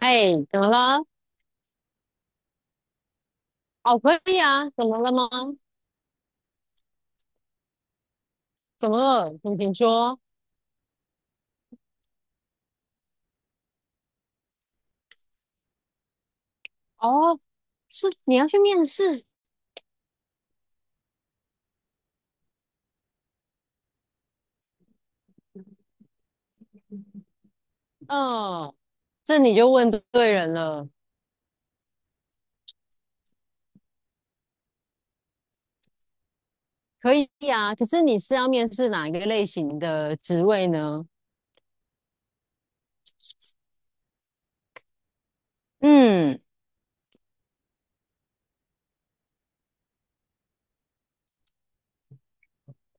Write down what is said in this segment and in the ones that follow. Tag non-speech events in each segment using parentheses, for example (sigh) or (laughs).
哎，怎么了？哦，可以啊，怎么了吗？怎么了？请说。哦，是你要去面试？嗯，这你就问对人了。可以啊，可是你是要面试哪一个类型的职位呢？嗯，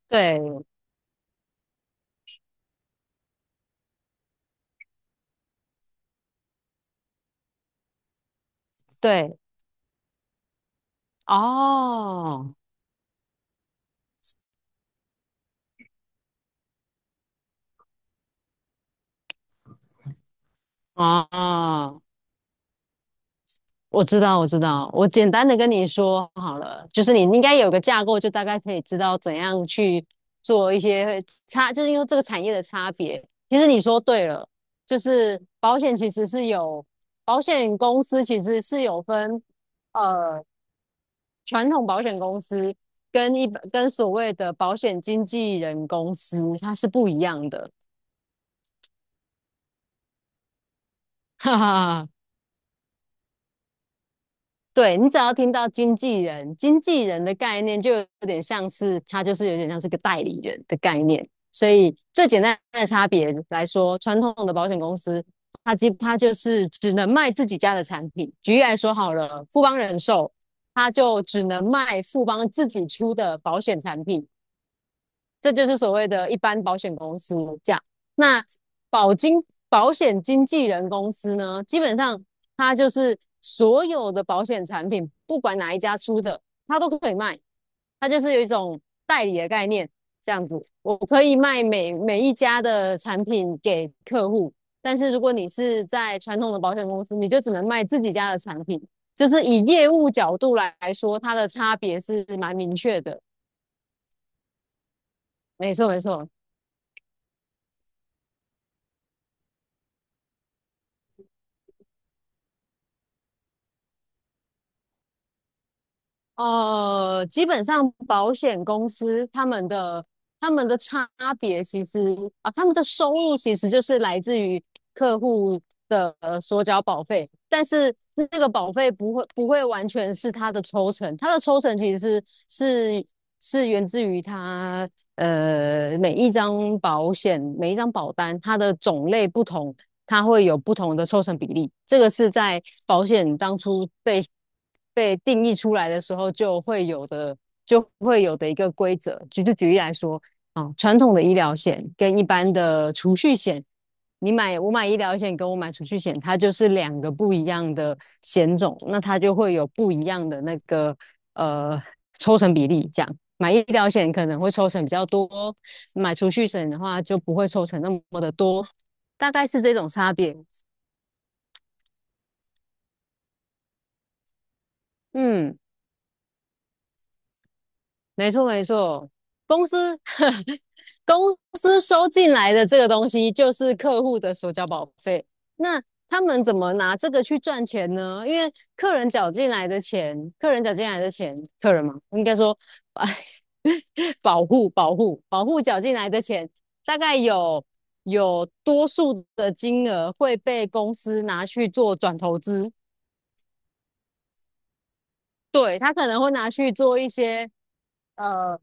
对对，哦哦，我知道，我知道，我简单的跟你说好了，就是你应该有个架构，就大概可以知道怎样去做一些差，就是因为这个产业的差别。其实你说对了，就是保险公司其实是有分，呃，传统保险公司跟一般跟所谓的保险经纪人公司它是不一样的，(laughs) 哈哈哈。对你只要听到经纪人，经纪人的概念就有点像是他就是有点像是个代理人的概念，所以最简单的差别来说，传统的保险公司它就是只能卖自己家的产品。举例来说好了，富邦人寿它就只能卖富邦自己出的保险产品，这就是所谓的一般保险公司价。那保金保险经纪人公司呢，基本上它就是所有的保险产品，不管哪一家出的，它都可以卖。它就是有一种代理的概念，这样子，我可以卖每一家的产品给客户。但是如果你是在传统的保险公司，你就只能卖自己家的产品。就是以业务角度来说，它的差别是蛮明确的。没错，没错。基本上保险公司他们的差别其实啊，他们的收入其实就是来自于客户的所缴保费，但是那个保费不会完全是他的抽成，他的抽成其实是源自于他每一张保险、每一张保单，它的种类不同，它会有不同的抽成比例。这个是在保险当初被定义出来的时候就会有的一个规则。举例来说，传统的医疗险跟一般的储蓄险，我买医疗险跟我买储蓄险，它就是两个不一样的险种，那它就会有不一样的那个呃抽成比例这样。买医疗险可能会抽成比较多，买储蓄险的话就不会抽成那么的多，大概是这种差别。嗯，没错没错，公司 (laughs) 公司收进来的这个东西就是客户的所缴保费，那他们怎么拿这个去赚钱呢？因为客人缴进来的钱，客人嘛，应该说，哎，(laughs) 保护缴进来的钱，大概有多数的金额会被公司拿去做转投资，对，他可能会拿去做一些呃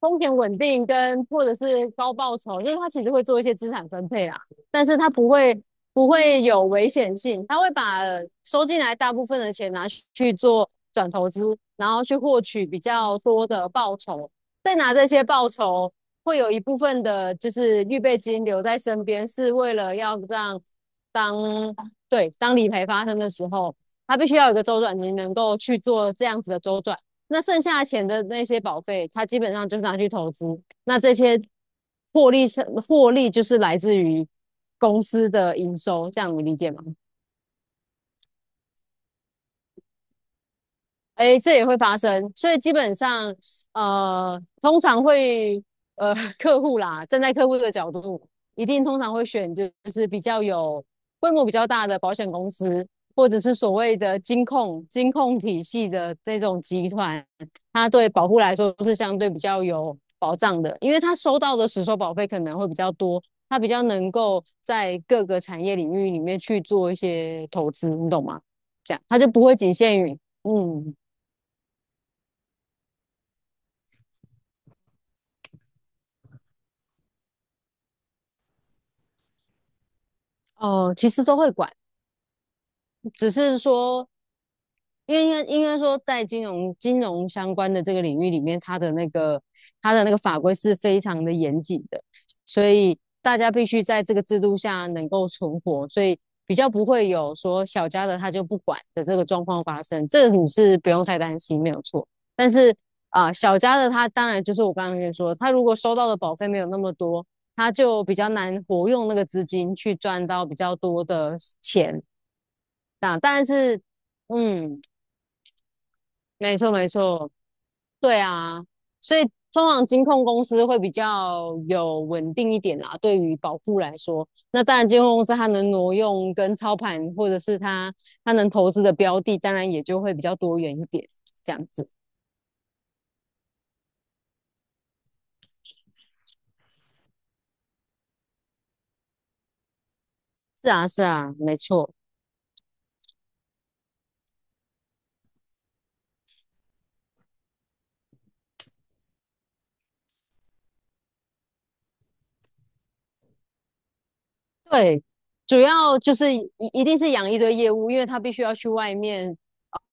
风险稳定跟或者是高报酬，就是他其实会做一些资产分配啦，但是他不会有危险性，他会把收进来大部分的钱拿去做转投资，然后去获取比较多的报酬，再拿这些报酬会有一部分的就是预备金留在身边，是为了要让当对当理赔发生的时候。它必须要有一个周转，你能够去做这样子的周转。那剩下钱的那些保费，它基本上就是拿去投资。那这些获利是获利，就是来自于公司的营收，这样你理解吗？哎，这也会发生，所以基本上，通常会，呃，(laughs) 客户啦，站在客户的角度，一定通常会选就是比较有规模比较大的保险公司，或者是所谓的金控体系的这种集团，它对保护来说是相对比较有保障的，因为它收到的实收保费可能会比较多，它比较能够在各个产业领域里面去做一些投资，你懂吗？这样，它就不会仅限于。嗯，哦，其实都会管，只是说，因为应该说，在金融相关的这个领域里面，它的那个法规是非常的严谨的，所以大家必须在这个制度下能够存活，所以比较不会有说小家的他就不管的这个状况发生，这个你是不用太担心，没有错。但是小家的他当然就是我刚刚跟你说，他如果收到的保费没有那么多，他就比较难活用那个资金去赚到比较多的钱，啊，但是，嗯，没错没错，对啊，所以通常金控公司会比较有稳定一点啦，对于保护来说，那当然金控公司它能挪用跟操盘，或者是它能投资的标的，当然也就会比较多元一点，这样子。是啊是啊，没错。对，主要就是一定是养一堆业务，因为他必须要去外面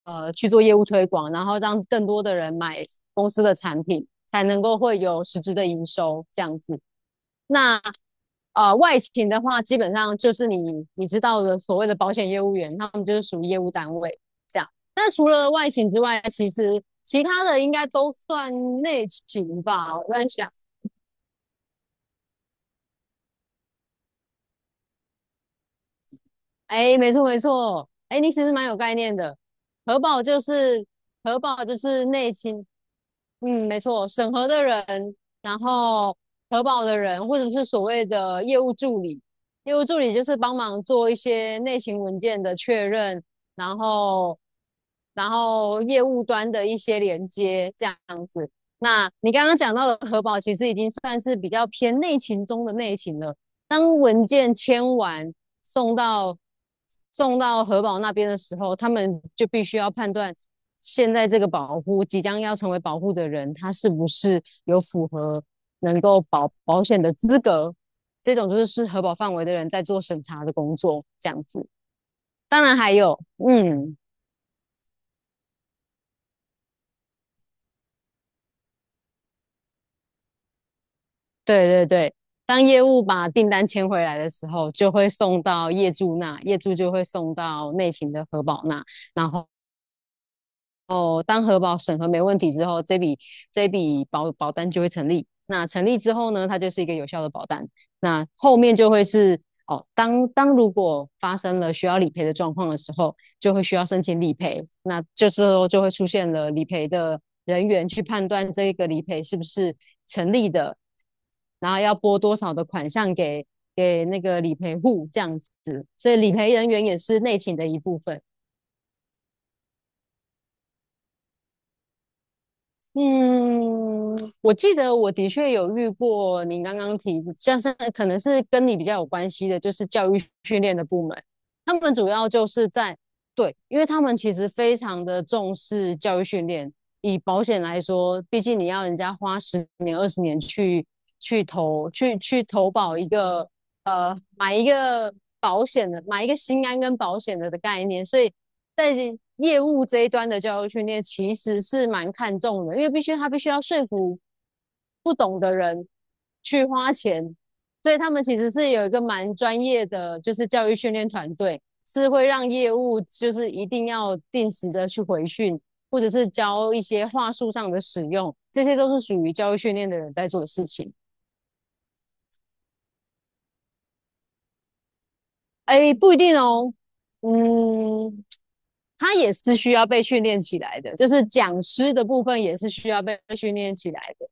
去做业务推广，然后让更多的人买公司的产品，才能够会有实质的营收这样子。那外勤的话，基本上就是你知道的所谓的保险业务员，他们就是属于业务单位这样。那除了外勤之外，其实其他的应该都算内勤吧，我在想。哎，没错没错，哎，你其实蛮有概念的。核保就是核保就是内勤，嗯，没错，审核的人，然后核保的人，或者是所谓的业务助理，业务助理就是帮忙做一些内勤文件的确认，然后然后业务端的一些连接这样子。那你刚刚讲到的核保，其实已经算是比较偏内勤中的内勤了。当文件签完。送到送到核保那边的时候，他们就必须要判断现在这个保护即将要成为保护的人，他是不是有符合能够保险的资格。这种就是是核保范围的人在做审查的工作，这样子。当然还有，嗯，对对对，当业务把订单签回来的时候，就会送到业主那，业主就会送到内勤的核保那，然后。哦，当核保审核没问题之后，这笔保单就会成立。那成立之后呢，它就是一个有效的保单。那后面就会是哦，当如果发生了需要理赔的状况的时候，就会需要申请理赔。那这时候就会出现了理赔的人员去判断这个理赔是不是成立的，然后要拨多少的款项给那个理赔户这样子。所以理赔人员也是内勤的一部分。我记得我的确有遇过您刚刚提，像是可能是跟你比较有关系的，就是教育训练的部门，他们主要就是在对，因为他们其实非常的重视教育训练。以保险来说，毕竟你要人家花十年、20年去投保一个买一个保险的、买一个心安跟保险的概念，所以在业务这一端的教育训练其实是蛮看重的，因为必须他必须要说服不懂的人去花钱，所以他们其实是有一个蛮专业的，就是教育训练团队，是会让业务就是一定要定时的去回训，或者是教一些话术上的使用，这些都是属于教育训练的人在做的事情。哎，不一定哦，嗯，他也是需要被训练起来的，就是讲师的部分也是需要被训练起来的。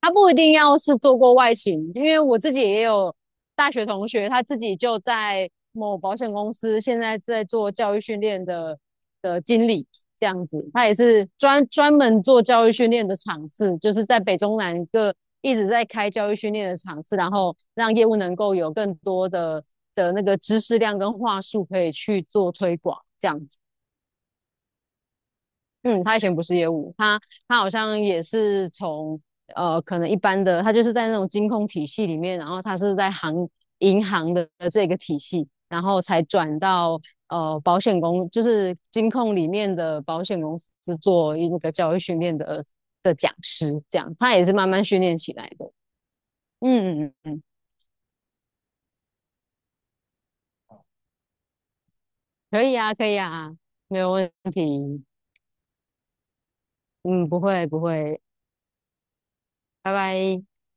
他不一定要是做过外勤，因为我自己也有大学同学，他自己就在某保险公司，现在在做教育训练的经理这样子，他也是专门做教育训练的场次，就是在北中南各一直在开教育训练的场次，然后让业务能够有更多的那个知识量跟话术可以去做推广这样子。嗯，他以前不是业务，他好像也是从可能一般的，他就是在那种金控体系里面，然后他是银行的这个体系，然后才转到保险公，就是金控里面的保险公司那个教育训练的讲师，这样他也是慢慢训练起来的。嗯，可以啊，可以啊，没有问题。嗯，不会不会，拜拜。